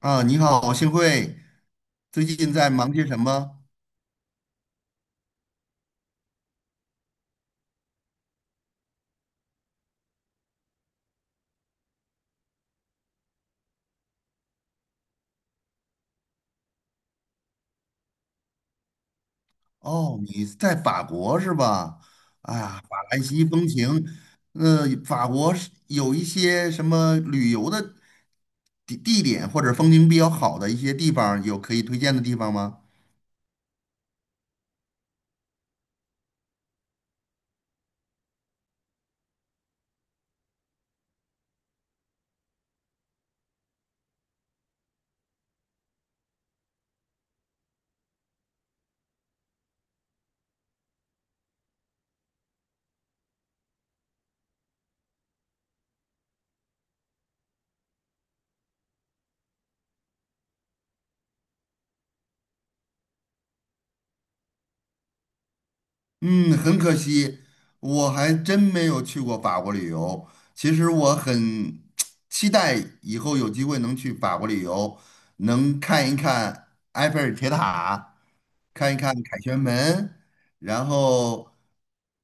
啊，你好，幸会。最近在忙些什么？哦，你在法国是吧？啊，法兰西风情。法国是有一些什么旅游的地点或者风景比较好的一些地方，有可以推荐的地方吗？嗯，很可惜，我还真没有去过法国旅游。其实我很 期待以后有机会能去法国旅游，能看一看埃菲尔铁塔，看一看凯旋门，然后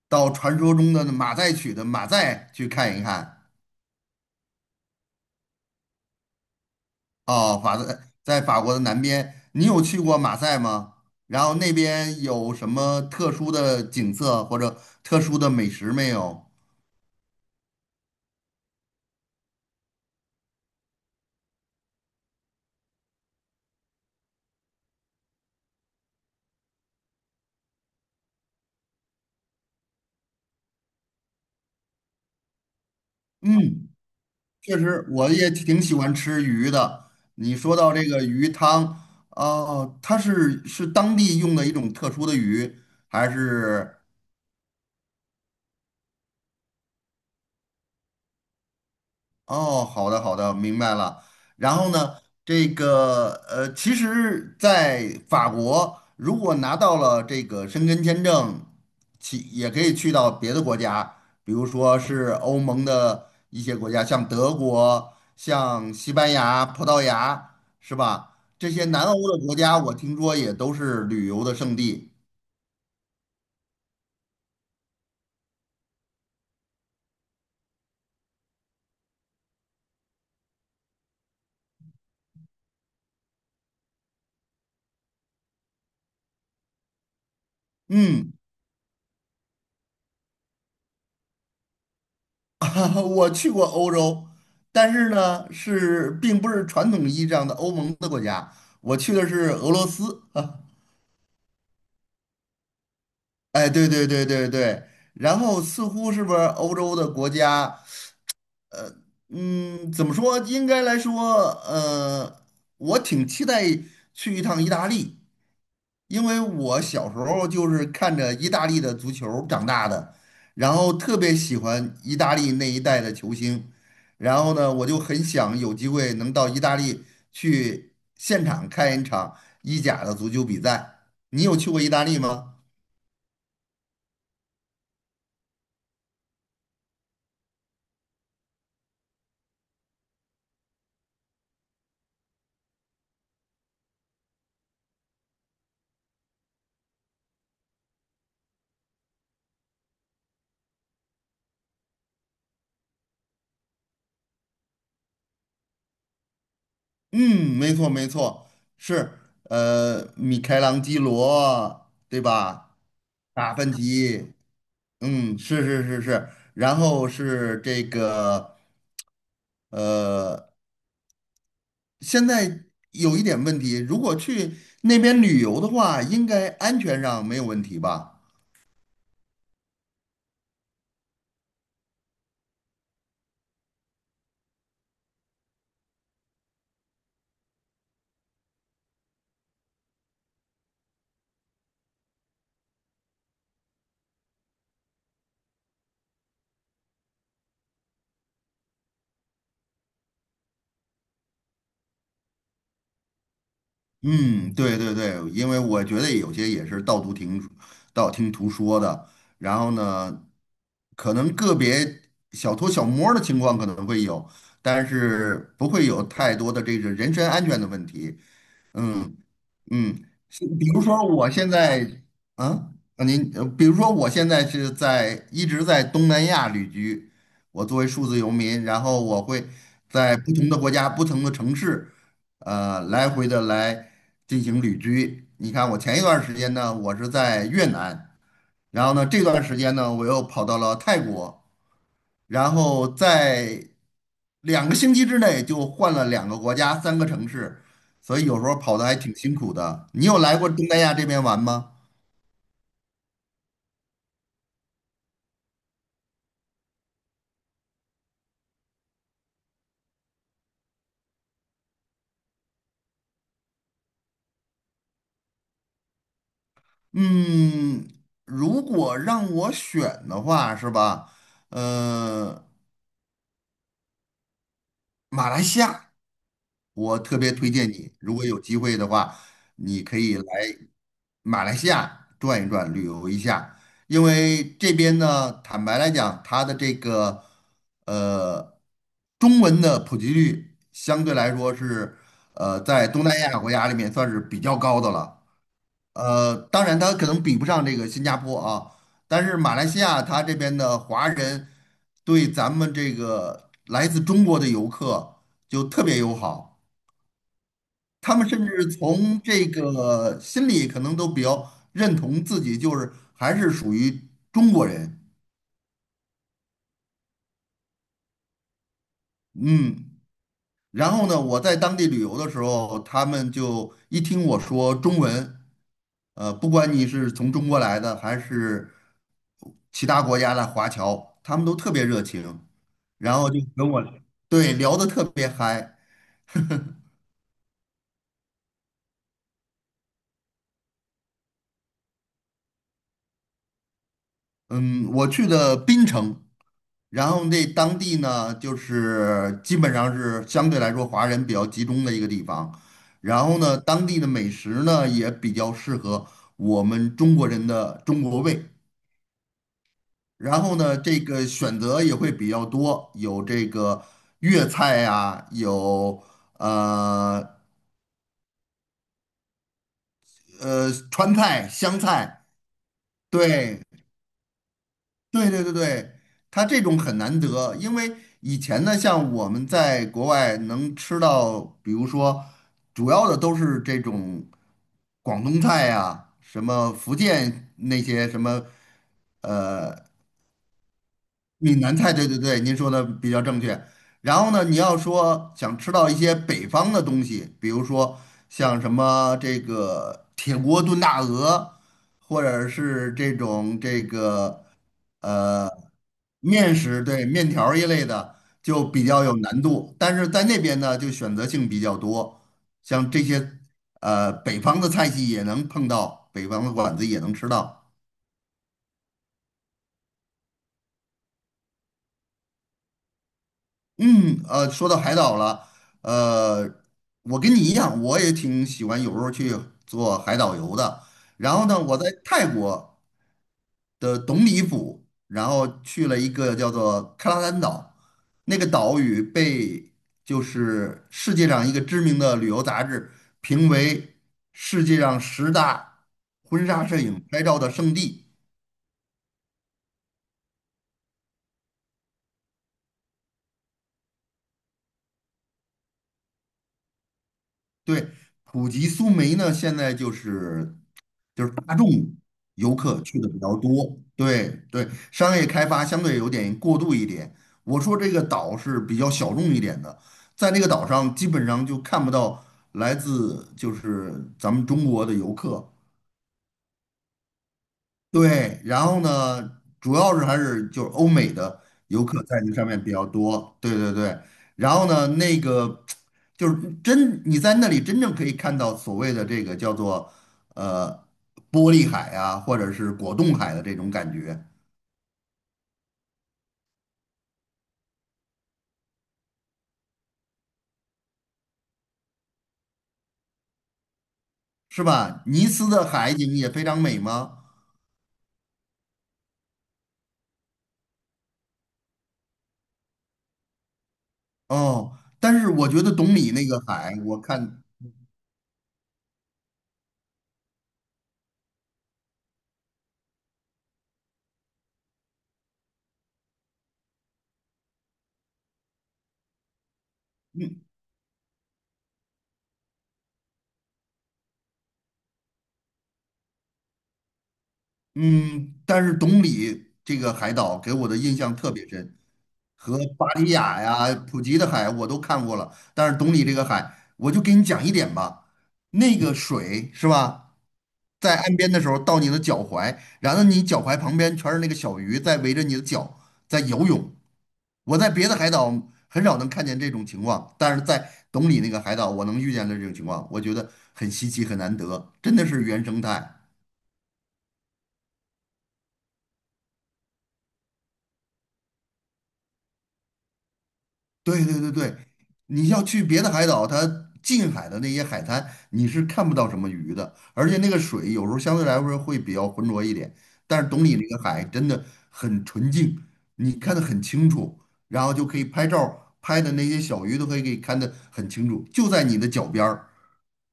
到传说中的马赛曲的马赛去看一看。哦，在法国的南边，你有去过马赛吗？然后那边有什么特殊的景色或者特殊的美食没有？嗯。确实，我也挺喜欢吃鱼的。你说到这个鱼汤，哦，它是当地用的一种特殊的鱼，还是？哦，好的好的，明白了。然后呢，其实，在法国，如果拿到了这个申根签证，其也可以去到别的国家，比如说是欧盟的一些国家，像德国、像西班牙、葡萄牙，是吧？这些南欧的国家，我听说也都是旅游的胜地。嗯。啊，我去过欧洲，但是呢，是并不是传统意义上的欧盟的国家，我去的是俄罗斯。啊，哎，对对对对对，然后似乎是不是欧洲的国家，嗯，怎么说？应该来说，呃，我挺期待去一趟意大利。因为我小时候就是看着意大利的足球长大的，然后特别喜欢意大利那一代的球星，然后呢，我就很想有机会能到意大利去现场看一场意甲的足球比赛。你有去过意大利吗？嗯，没错没错，是米开朗基罗，对吧？达芬奇，嗯，是是是是，然后是这个呃。现在有一点问题，如果去那边旅游的话，应该安全上没有问题吧？嗯，对对对，因为我觉得有些也是道听途说的，然后呢，可能个别小偷小摸儿的情况可能会有，但是不会有太多的这个人身安全的问题。嗯，嗯，啊，比如说我现在是在一直在东南亚旅居，我作为数字游民，然后我会在不同的国家、不同的城市，来回的来进行旅居。你看，我前一段时间呢，我是在越南，然后呢，这段时间呢，我又跑到了泰国，然后在两个星期之内就换了两个国家、三个城市，所以有时候跑的还挺辛苦的。你有来过东南亚这边玩吗？嗯，如果让我选的话，是吧？呃，马来西亚，我特别推荐你，如果有机会的话，你可以来马来西亚转一转，旅游一下。因为这边呢，坦白来讲，它的呃中文的普及率相对来说在东南亚国家里面算是比较高的了。呃，当然它可能比不上这个新加坡啊，但是马来西亚它这边的华人对咱们这个来自中国的游客就特别友好。他们甚至从这个心里可能都比较认同自己，就是还是属于中国人。嗯，然后呢，我在当地旅游的时候，他们就一听我说中文，不管你是从中国来的还是其他国家的华侨，他们都特别热情，然后就跟我对聊得特别嗨。嗯，我去的槟城，然后那当地呢，就是基本上是相对来说华人比较集中的一个地方，然后呢，当地的美食呢也比较适合我们中国人的中国胃，然后呢，这个选择也会比较多，有这个粤菜呀，有呃川菜、湘菜，对，对对对对，它这种很难得，因为以前呢，像我们在国外能吃到，比如说主要的都是这种广东菜呀、什么福建那些什么，呃。闽南菜，对对对，您说的比较正确。然后呢，你要说想吃到一些北方的东西，比如说像什么这个铁锅炖大鹅，或者是这种这个呃面食，对，面条儿一类的，就比较有难度。但是在那边呢，就选择性比较多，像这些北方的菜系也能碰到，北方的馆子也能吃到。嗯，说到海岛了，呃，我跟你一样，我也挺喜欢有时候去做海岛游的。然后呢，我在泰国的董里府，然后去了一个叫做克拉丹岛，那个岛屿被就是世界上一个知名的旅游杂志评为世界上十大婚纱摄影拍照的圣地。对，普吉苏梅呢，现在就是大众游客去的比较多，对对，商业开发相对有点过度一点。我说这个岛是比较小众一点的，在那个岛上基本上就看不到来自就是咱们中国的游客，对，然后呢，主要是还是就是欧美的游客在那上面比较多，对对对。然后呢，就是真你在那里真正可以看到所谓的这个叫做呃玻璃海啊，或者是果冻海的这种感觉，是吧？尼斯的海景也非常美吗？哦，但是我觉得懂你那个海，我看。嗯嗯，但是董里这个海岛给我的印象特别深，和巴里雅呀、普吉的海我都看过了，但是董里这个海，我就给你讲一点吧，那个水是吧，在岸边的时候到你的脚踝，然后你脚踝旁边全是那个小鱼在围着你的脚在游泳。我在别的海岛很少能看见这种情况，但是在董里那个海岛，我能遇见的这种情况，我觉得很稀奇，很难得，真的是原生态。对对对对，你要去别的海岛，它近海的那些海滩，你是看不到什么鱼的，而且那个水有时候相对来说会比较浑浊一点，但是懂你那个海真的很纯净，你看得很清楚，然后就可以拍照儿拍的那些小鱼都可以给看得很清楚，就在你的脚边儿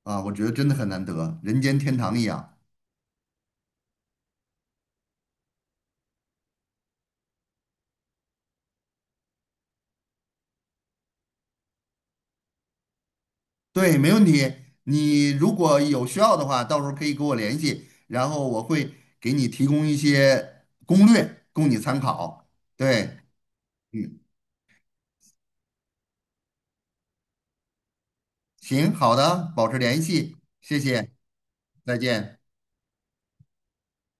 啊，我觉得真的很难得，人间天堂一样。对，没问题。你如果有需要的话，到时候可以跟我联系，然后我会给你提供一些攻略供你参考。对，嗯，行，好的，保持联系，谢谢，再见。